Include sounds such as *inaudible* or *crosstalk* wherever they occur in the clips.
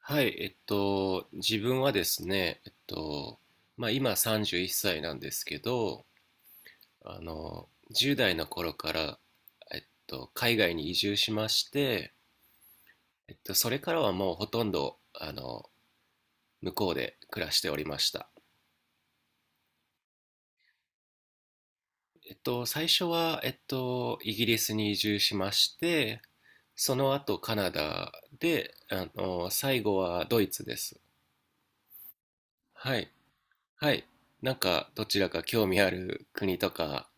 はい、自分はですね、今31歳なんですけど、あの、10代の頃から、海外に移住しまして、それからはもうほとんど、向こうで暮らしておりました。最初は、イギリスに移住しまして、その後カナダで、最後はドイツです。はい、はい。なんか、どちらか興味ある国とか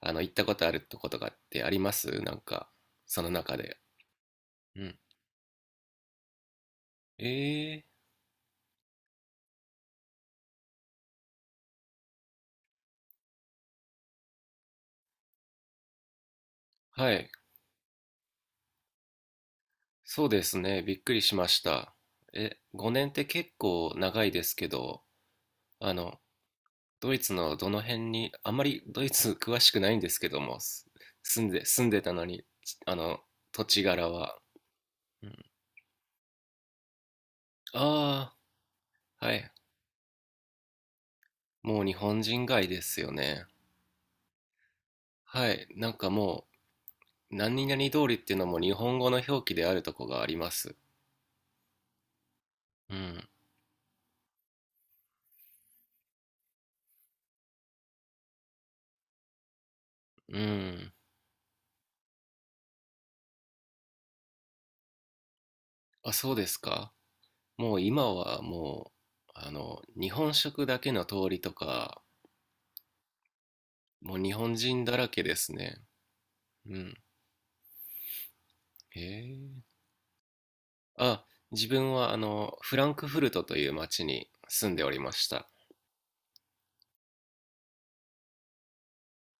行ったことあるとことかってありますなんか、その中で。うん。えー、はい。そうですね。びっくりしました。え、5年って結構長いですけど、あの、ドイツのどの辺に、あんまりドイツ *laughs* 詳しくないんですけども、住んで、住んでたのに、土地柄は。うん、ああ、はい。もう日本人街ですよね。はい。なんかもう、何々通りっていうのも日本語の表記であるとこがあります。うん。うん。あ、そうですか。もう今は、日本食だけの通りとか、もう日本人だらけですね。うん。へえ。あ、自分はフランクフルトという町に住んでおりました。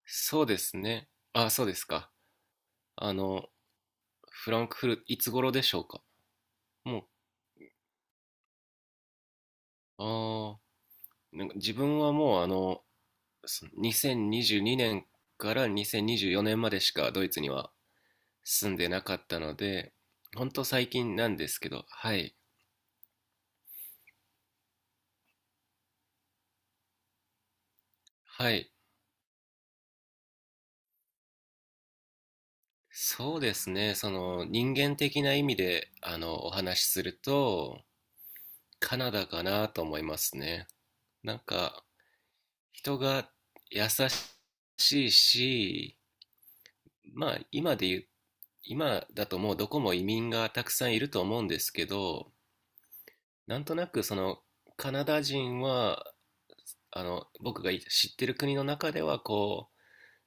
そうですね。あ、そうですか。あの、フランクフルト、いつ頃でしょうか。もああ、なんか自分はもうあの、そ2022年から2024年までしかドイツには住んでなかったので、ほんと最近なんですけど、はい、はい、そうですね、その人間的な意味で、お話しすると、カナダかなと思いますね。なんか、人が優しいし、まあ、今で言う、今だともうどこも移民がたくさんいると思うんですけど、なんとなくそのカナダ人は、僕が知ってる国の中では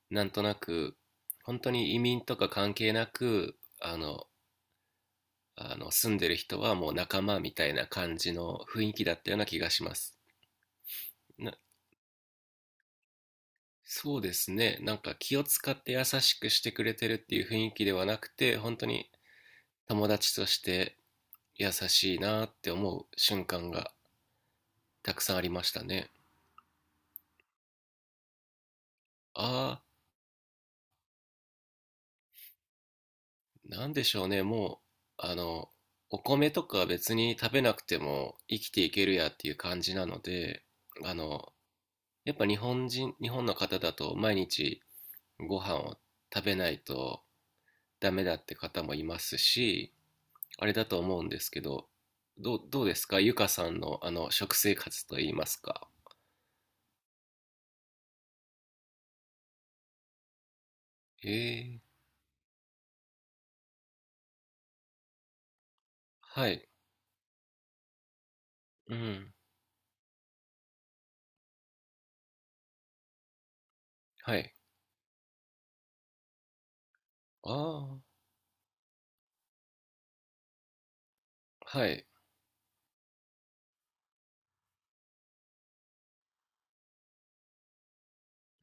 なんとなく、本当に移民とか関係なく、住んでる人はもう仲間みたいな感じの雰囲気だったような気がします。なそうですね。なんか気を使って優しくしてくれてるっていう雰囲気ではなくて、本当に友達として優しいなって思う瞬間がたくさんありましたね。ああ、なんでしょうね。う、あの、お米とか別に食べなくても生きていけるやっていう感じなので、あの、やっぱ日本人、日本の方だと毎日ご飯を食べないとダメだって方もいますし、あれだと思うんですけど、どうですかゆかさんのあの食生活といいますか。ええ、はい、うん、はい。ああ、はい、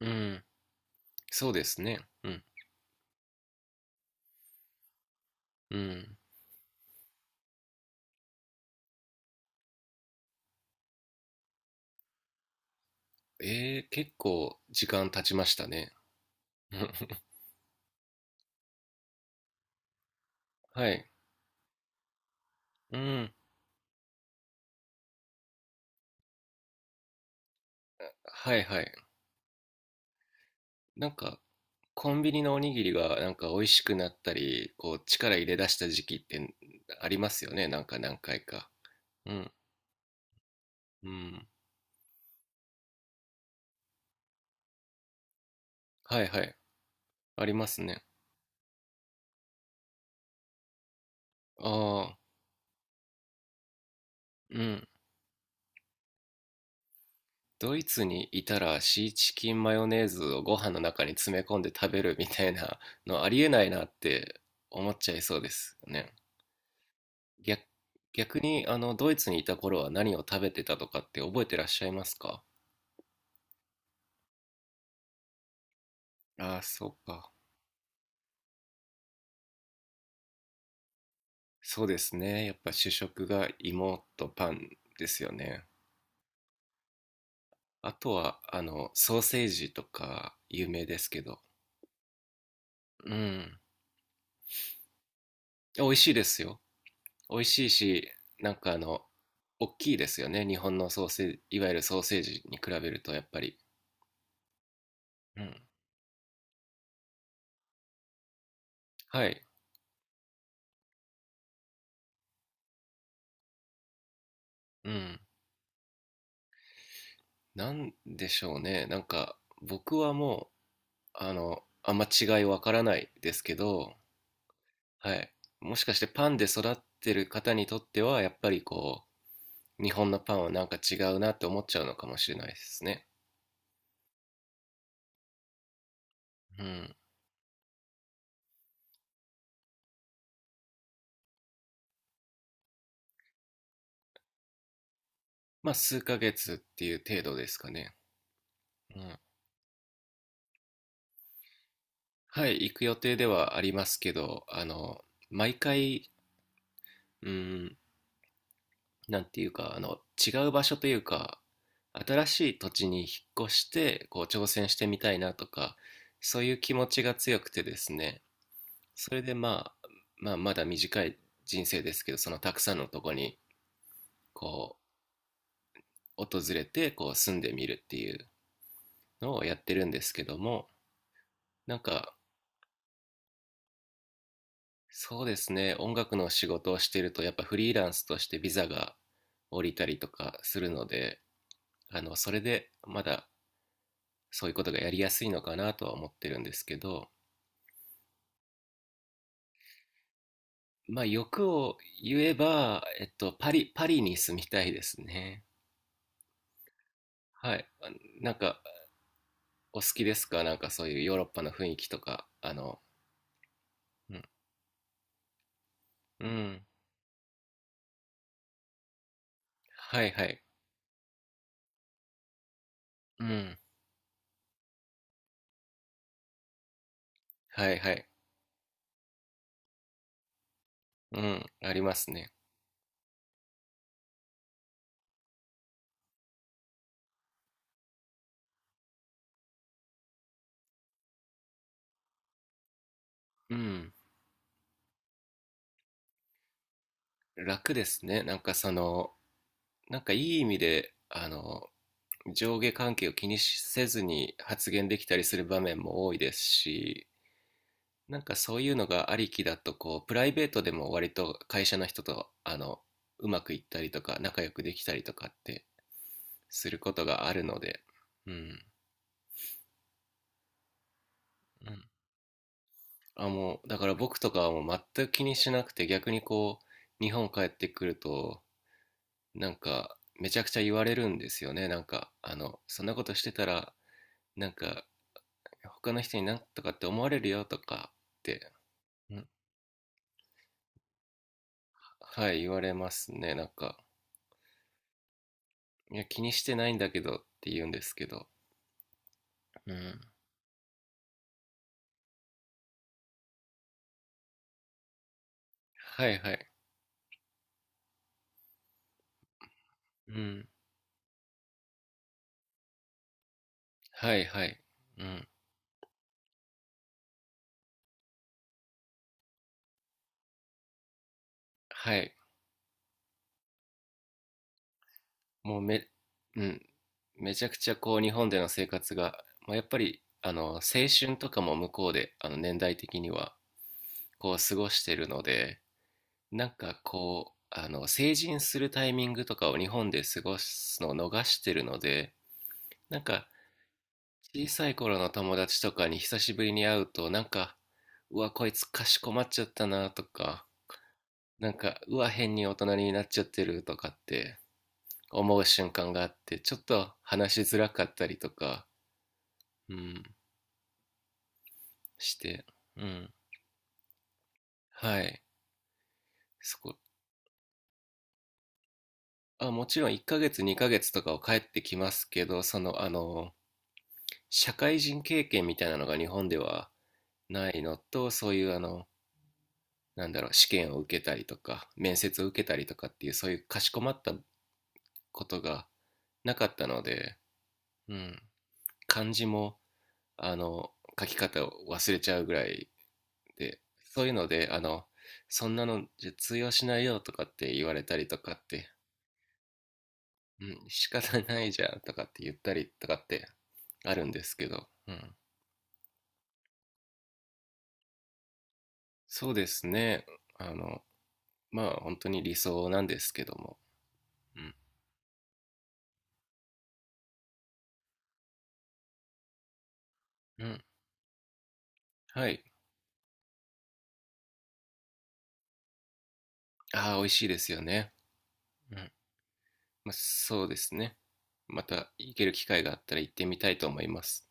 うん、そうですね。うん、うん。ええ、結構時間経ちましたね。*laughs* はい、うん、はいはい。なんか、コンビニのおにぎりがなんか美味しくなったり、こう力入れ出した時期ってありますよね。なんか何回か。うん。うん。はいはい。ありますね。ああ、うん。ドイツにいたらシーチキンマヨネーズをご飯の中に詰め込んで食べるみたいなのありえないなって思っちゃいそうですね。逆、逆にドイツにいた頃は何を食べてたとかって覚えてらっしゃいますかああー、そうか。そうですね。やっぱ主食が芋とパンですよね。あとは、ソーセージとか有名ですけど。うん。美味しいですよ。美味しいし、なんかあの、大きいですよね。日本のソーセージ、いわゆるソーセージに比べるとやっぱり。うん。はい。うん。なんでしょうね。なんか、僕はもう、あんま違いわからないですけど、はい。もしかしてパンで育ってる方にとっては、やっぱりこう、日本のパンはなんか違うなって思っちゃうのかもしれないですね。うん。まあ、数ヶ月っていう程度ですかね。うん。はい、行く予定ではありますけど、毎回、うん、なんていうか、違う場所というか、新しい土地に引っ越して、こう、挑戦してみたいなとか、そういう気持ちが強くてですね、それでまあ、まだ短い人生ですけど、そのたくさんのとこに、こう、訪れて、こう、住んでみるっていう、のをやってるんですけども、なんか、そうですね、音楽の仕事をしてると、やっぱフリーランスとしてビザが降りたりとかするので、それでまだそういうことがやりやすいのかなとは思ってるんですけど、まあ欲を言えば、パリに住みたいですね。はい。あなんか、お好きですかなんかそういうヨーロッパの雰囲気とか、うん、うん、はいはい、うん、はいはい、うん、ありますね。うん。楽ですね。なんかその、いい意味で、上下関係を気にせずに発言できたりする場面も多いですし、なんかそういうのがありきだと、こう、プライベートでも割と会社の人と、うまくいったりとか、仲良くできたりとかってすることがあるので、うん。うんあ、もう、だから僕とかはもう全く気にしなくて、逆にこう、日本帰ってくると、なんか、めちゃくちゃ言われるんですよね。なんか、そんなことしてたら、なんか他の人になんとかって思われるよとかってうんはい言われますねなんかいや気にしてないんだけどって言うんですけどうん。はいはいうんはいはいうんはいもうめうんめちゃくちゃこう日本での生活が、まあ、やっぱりあの青春とかも向こうであの年代的にはこう過ごしてるのでなんかこうあの成人するタイミングとかを日本で過ごすのを逃してるのでなんか小さい頃の友達とかに久しぶりに会うと、なんか、うわ、こいつかしこまっちゃったなとか、なんか、うわ、変に大人になっちゃってるとかって思う瞬間があって、ちょっと話しづらかったりとか、うん、して、うん。はい。そこ。あ、もちろん1ヶ月、2ヶ月とかを帰ってきますけど、その、社会人経験みたいなのが日本ではないのと、そういうあの、なんだろう試験を受けたりとか面接を受けたりとかっていうそういうかしこまったことがなかったので、うん、漢字もあの書き方を忘れちゃうぐらいでそういうのであのそんなのじゃ通用しないよとかって言われたりとかって、うん、仕方ないじゃんとかって言ったりとかってあるんですけど、うん、そうですねあの本当に理想なんですけども、うん、うん、はいああ美味しいですよね、うん、まあ、そうですね。また行ける機会があったら行ってみたいと思います。